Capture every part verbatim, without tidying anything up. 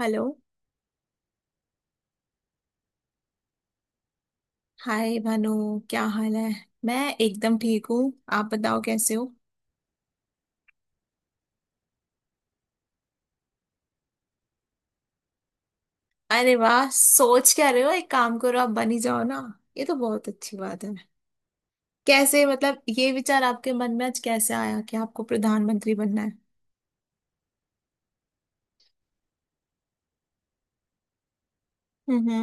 Hello. Hi Bhanu. क्या हाल है? मैं एकदम ठीक हूँ, आप बताओ कैसे हो? अरे वाह, सोच क्या रहे हो, एक काम करो आप बन ही जाओ ना। ये तो बहुत अच्छी बात है। कैसे, मतलब ये विचार आपके मन में आज कैसे आया कि आपको प्रधानमंत्री बनना है? हम्म हम्म।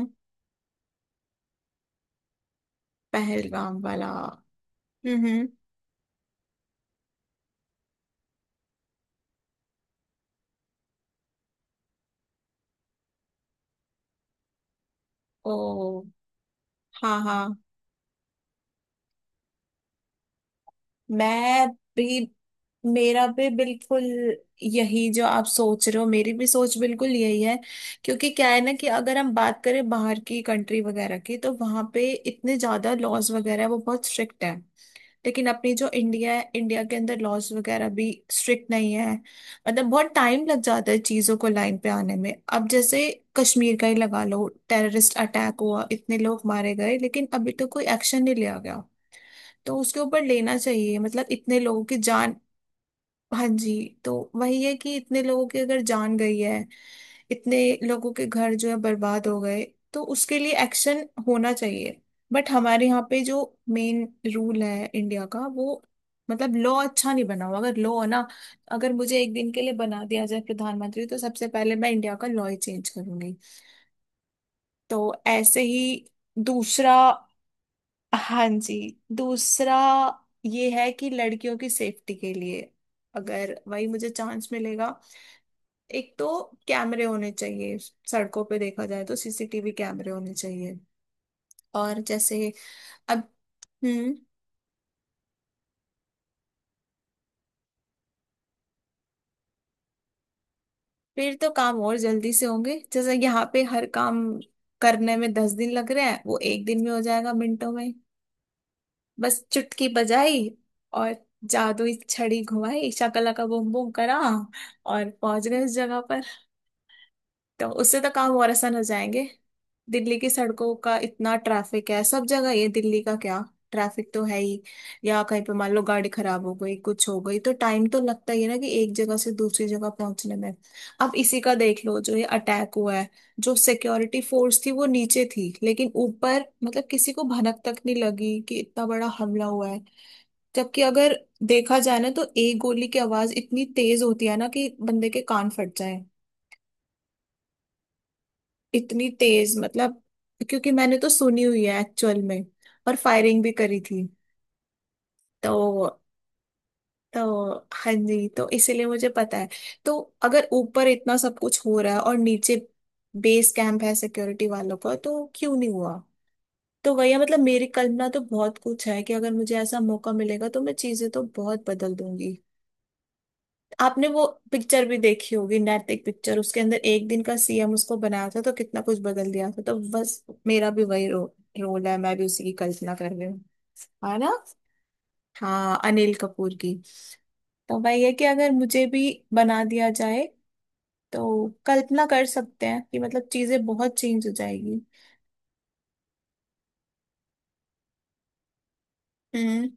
पहलगाम वाला। हम्म हम्म। ओ। हाँ हाँ। मैं भी, मेरा भी बिल्कुल यही जो आप सोच रहे हो, मेरी भी सोच बिल्कुल यही है। क्योंकि क्या है ना कि अगर हम बात करें बाहर की कंट्री वगैरह की तो वहां पे इतने ज्यादा लॉज वगैरह है, वो बहुत स्ट्रिक्ट है। लेकिन अपनी जो इंडिया है, इंडिया के अंदर लॉज वगैरह भी स्ट्रिक्ट नहीं है, मतलब बहुत टाइम लग जाता है चीजों को लाइन पे आने में। अब जैसे कश्मीर का ही लगा लो, टेररिस्ट अटैक हुआ, इतने लोग मारे गए, लेकिन अभी तक कोई एक्शन नहीं लिया गया। तो उसके ऊपर लेना चाहिए, मतलब इतने लोगों की जान। हाँ जी। तो वही है कि इतने लोगों की अगर जान गई है, इतने लोगों के घर जो है बर्बाद हो गए, तो उसके लिए एक्शन होना चाहिए। बट हमारे यहाँ पे जो मेन रूल है इंडिया का वो, मतलब लॉ अच्छा नहीं बना हुआ। अगर लॉ ना, अगर मुझे एक दिन के लिए बना दिया जाए प्रधानमंत्री तो सबसे पहले मैं इंडिया का लॉ ही चेंज करूंगी। तो ऐसे ही। दूसरा, हाँ जी। दूसरा ये है कि लड़कियों की सेफ्टी के लिए, अगर वही मुझे चांस मिलेगा, एक तो कैमरे होने चाहिए, सड़कों पे देखा जाए तो सीसीटीवी कैमरे होने चाहिए। और जैसे, अब। हम्म। फिर तो काम और जल्दी से होंगे, जैसे यहाँ पे हर काम करने में दस दिन लग रहे हैं, वो एक दिन में हो जाएगा, मिनटों में। बस चुटकी बजाई और जादुई छड़ी घुमाई, शाकाला का बूम बूम करा और पहुंच गए उस जगह। तो उससे तो काम और आसान हो जाएंगे। दिल्ली की सड़कों का इतना ट्रैफिक है, सब जगह, ये दिल्ली का क्या, ट्रैफिक तो है ही। या कहीं पे मान लो गाड़ी खराब हो गई, कुछ हो गई, तो टाइम तो लगता ही है ना कि एक जगह से दूसरी जगह पहुंचने में। अब इसी का देख लो, जो ये अटैक हुआ है, जो सिक्योरिटी फोर्स थी वो नीचे थी, लेकिन ऊपर मतलब किसी को भनक तक नहीं लगी कि इतना बड़ा हमला हुआ है। जबकि अगर देखा जाए ना, तो एक गोली की आवाज इतनी तेज होती है ना कि बंदे के कान फट जाए। इतनी तेज मतलब, क्योंकि मैंने तो सुनी हुई है एक्चुअल में, और फायरिंग भी करी थी। तो तो हाँ जी, तो इसीलिए मुझे पता है। तो अगर ऊपर इतना सब कुछ हो रहा है और नीचे बेस कैंप है सिक्योरिटी वालों का, तो क्यों नहीं हुआ। तो वही है, मतलब मेरी कल्पना तो बहुत कुछ है कि अगर मुझे ऐसा मौका मिलेगा तो मैं चीजें तो बहुत बदल दूंगी। आपने वो पिक्चर भी देखी होगी, नैतिक पिक्चर, उसके अंदर एक दिन का सीएम उसको बनाया था तो कितना कुछ बदल दिया था। तो बस मेरा भी वही रो, रोल है, मैं भी उसी की कल्पना कर रही हूँ। है ना। हाँ, अनिल कपूर की। तो भाई ये कि अगर मुझे भी बना दिया जाए, तो कल्पना कर सकते हैं कि मतलब चीजें बहुत चेंज हो जाएगी। हम्म।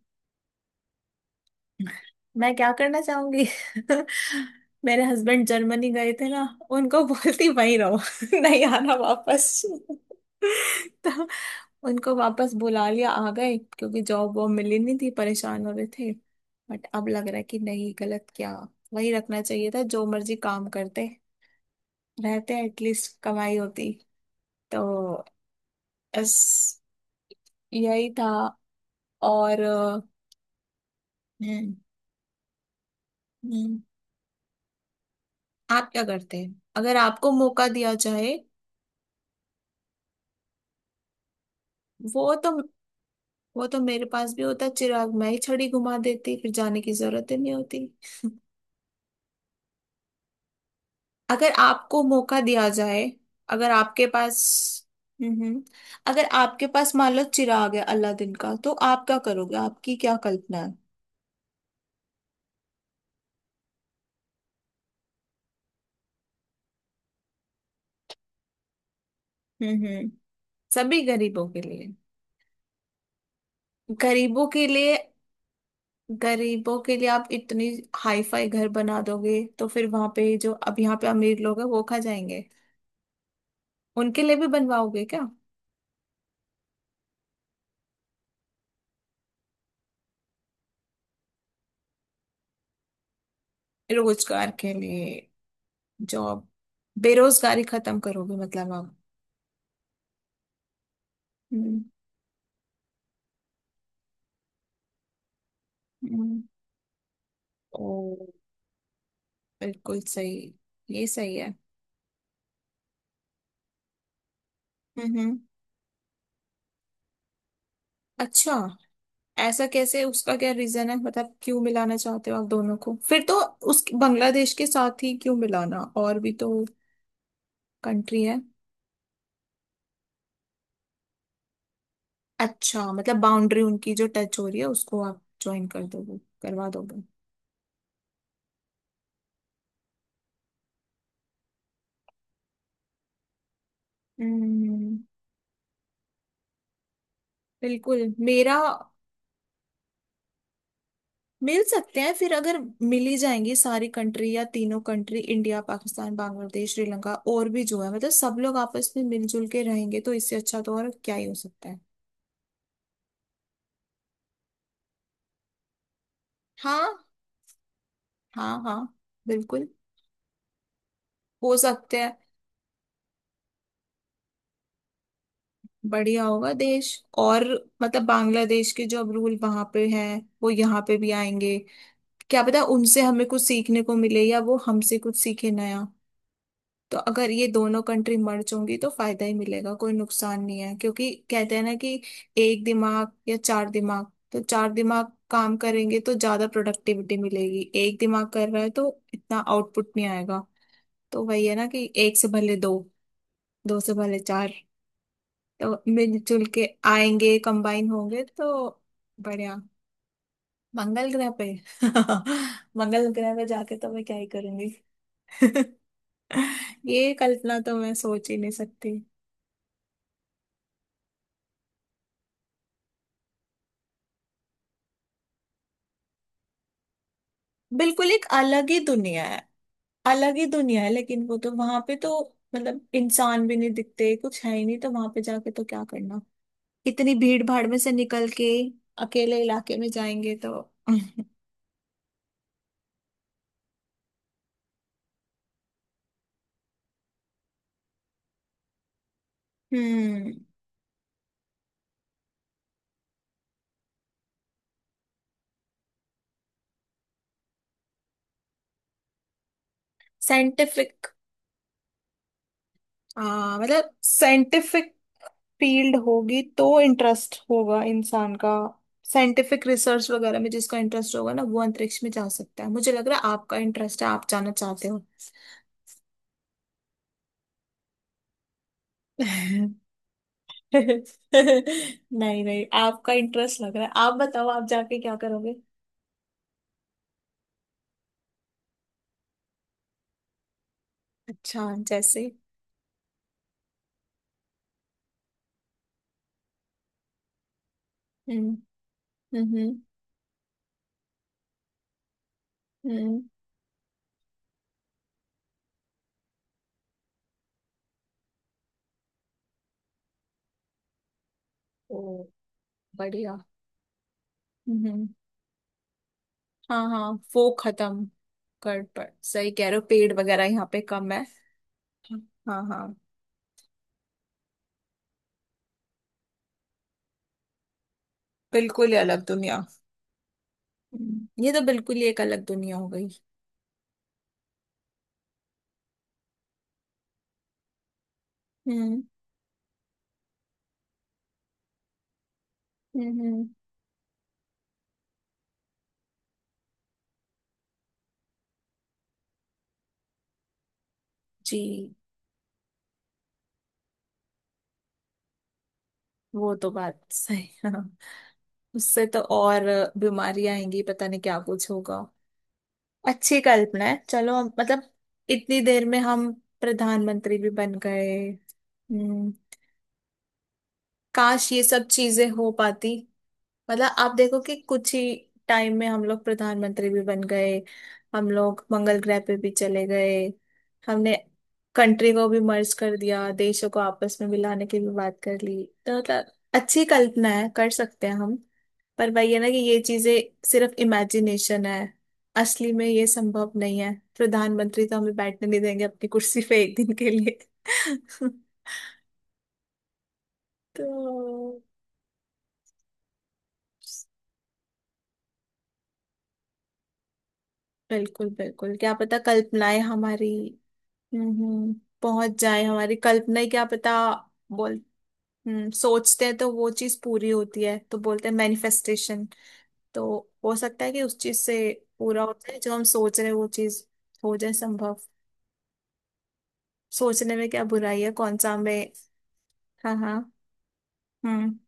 मैं क्या करना चाहूंगी? मेरे हस्बैंड जर्मनी गए थे ना, उनको बोलती वहीं रहो नहीं आना वापस। तो उनको वापस बुला लिया, आ गए, क्योंकि जॉब वॉब मिली नहीं थी, परेशान हो रहे थे। बट अब लग रहा है कि नहीं, गलत क्या, वही रखना चाहिए था, जो मर्जी काम करते रहते, एटलीस्ट कमाई होती। तो बस यही था। और अ, हम्म, हम्म, आप क्या करते हैं अगर आपको मौका दिया जाए? वो तो वो तो मेरे पास भी होता चिराग, मैं ही छड़ी घुमा देती, फिर जाने की जरूरत ही नहीं होती। अगर आपको मौका दिया जाए, अगर आपके पास, हम्म, अगर आपके पास मान लो चिराग है अलादीन का तो आप क्या करोगे, आपकी क्या कल्पना है? हम्म। सभी गरीबों के लिए। गरीबों के लिए। गरीबों के लिए आप इतनी हाई फाई घर बना दोगे तो फिर वहां पे जो अब यहाँ पे अमीर लोग हैं वो खा जाएंगे। उनके लिए भी बनवाओगे क्या? रोजगार के लिए, जॉब, बेरोजगारी खत्म करोगे मतलब आप। हम्म हम्म। ओ बिल्कुल सही। ये सही है। हम्म, हम्म। अच्छा, ऐसा कैसे, उसका क्या रीजन है, मतलब क्यों मिलाना चाहते हो आप दोनों को, फिर तो उस बांग्लादेश के साथ ही क्यों मिलाना, और भी तो कंट्री है। अच्छा, मतलब बाउंड्री उनकी जो टच हो रही है उसको आप ज्वाइन कर दोगे, करवा दोगे। हम्म। बिल्कुल मेरा। मिल सकते हैं, फिर अगर मिल ही जाएंगी सारी कंट्री, या तीनों कंट्री इंडिया पाकिस्तान बांग्लादेश श्रीलंका और भी जो है, मतलब सब लोग आपस में मिलजुल के रहेंगे, तो इससे अच्छा तो और क्या ही हो सकता है। हाँ हाँ। हाँ बिल्कुल। हो सकते हैं। बढ़िया होगा देश। और मतलब बांग्लादेश के जो अब रूल वहां पे हैं वो यहाँ पे भी आएंगे, क्या पता उनसे हमें कुछ सीखने को मिले या वो हमसे कुछ सीखे नया। तो अगर ये दोनों कंट्री मर्ज होंगी तो फायदा ही मिलेगा, कोई नुकसान नहीं है, क्योंकि कहते हैं ना कि एक दिमाग या चार दिमाग, तो चार दिमाग काम करेंगे तो ज्यादा प्रोडक्टिविटी मिलेगी, एक दिमाग कर रहा है तो इतना आउटपुट नहीं आएगा। तो वही है ना कि एक से भले दो, दो से भले चार। तो मिलजुल के आएंगे, कंबाइन होंगे तो। बढ़िया। मंगल ग्रह पे मंगल ग्रह पे जाके तो मैं क्या ही करूंगी। ये कल्पना तो मैं सोच ही नहीं सकती। बिल्कुल एक अलग ही दुनिया है। अलग ही दुनिया है लेकिन वो तो, वहां पे तो मतलब इंसान भी नहीं दिखते, कुछ है ही नहीं, तो वहां पे जाके तो क्या करना, इतनी भीड़ भाड़ में से निकल के अकेले इलाके में जाएंगे तो। हम्म। साइंटिफिक। आ मतलब साइंटिफिक फील्ड होगी तो इंटरेस्ट होगा इंसान का। साइंटिफिक रिसर्च वगैरह में जिसका इंटरेस्ट होगा ना वो अंतरिक्ष में जा सकता है। मुझे लग रहा है आपका इंटरेस्ट है, आप जाना चाहते हो। नहीं नहीं, आपका इंटरेस्ट लग रहा है, आप बताओ आप जाके क्या करोगे। अच्छा, जैसे। हम्म। हम्म। हम्म। ओ बढ़िया। हम्म। हाँ हाँ वो खत्म कर, पर सही कह रहे हो, पेड़ वगैरह यहाँ पे कम है। हाँ हाँ। बिल्कुल ही अलग दुनिया। हम्म, ये तो बिल्कुल ही एक अलग दुनिया हो गई। हम्म। हम्म। हम्म, जी। वो तो बात सही है। उससे तो और बीमारियां आएंगी, पता नहीं क्या कुछ होगा। अच्छी कल्पना है, चलो हम मतलब इतनी देर में हम प्रधानमंत्री भी बन गए। हम्म। काश ये सब चीजें हो पाती। मतलब आप देखो कि कुछ ही टाइम में हम लोग प्रधानमंत्री भी बन गए, हम लोग मंगल ग्रह पे भी चले गए, हमने कंट्री को भी मर्ज कर दिया, देशों को आपस में मिलाने की भी बात कर ली, तो मतलब अच्छी कल्पना है, कर सकते हैं हम। पर वही है ना कि ये चीजें सिर्फ इमेजिनेशन है, असली में ये संभव नहीं है, प्रधानमंत्री तो हमें बैठने नहीं देंगे अपनी कुर्सी पे एक दिन के लिए। तो बिल्कुल बिल्कुल, क्या पता कल्पनाएं हमारी, हम्म, पहुंच जाए, हमारी कल्पना ही क्या पता। बोल। हम्म, सोचते हैं तो वो चीज पूरी होती है तो बोलते हैं मैनिफेस्टेशन। तो हो सकता है कि उस चीज से पूरा होता है जो हम सोच रहे हैं, वो चीज हो जाए संभव। सोचने में क्या बुराई है, कौन सा हमें। हाँ हाँ। हम्म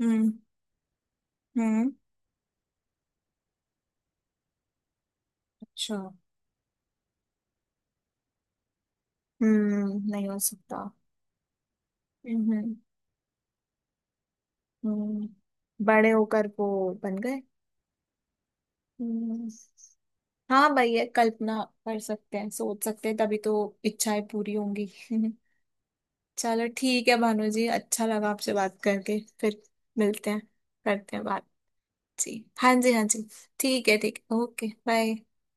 हम्म। हम्म। अच्छा। हम्म, नहीं हो सकता। हम्म हम्म। हम्म। बड़े होकर वो बन गए। हम्म। हाँ भैया, कल्पना कर सकते हैं, सोच सकते हैं, तभी तो इच्छाएं पूरी होंगी। चलो ठीक है भानु जी, अच्छा लगा आपसे बात करके, फिर मिलते हैं। करते हैं बात। जी हाँ जी हाँ जी। ठीक है ठीक है ओके बाय।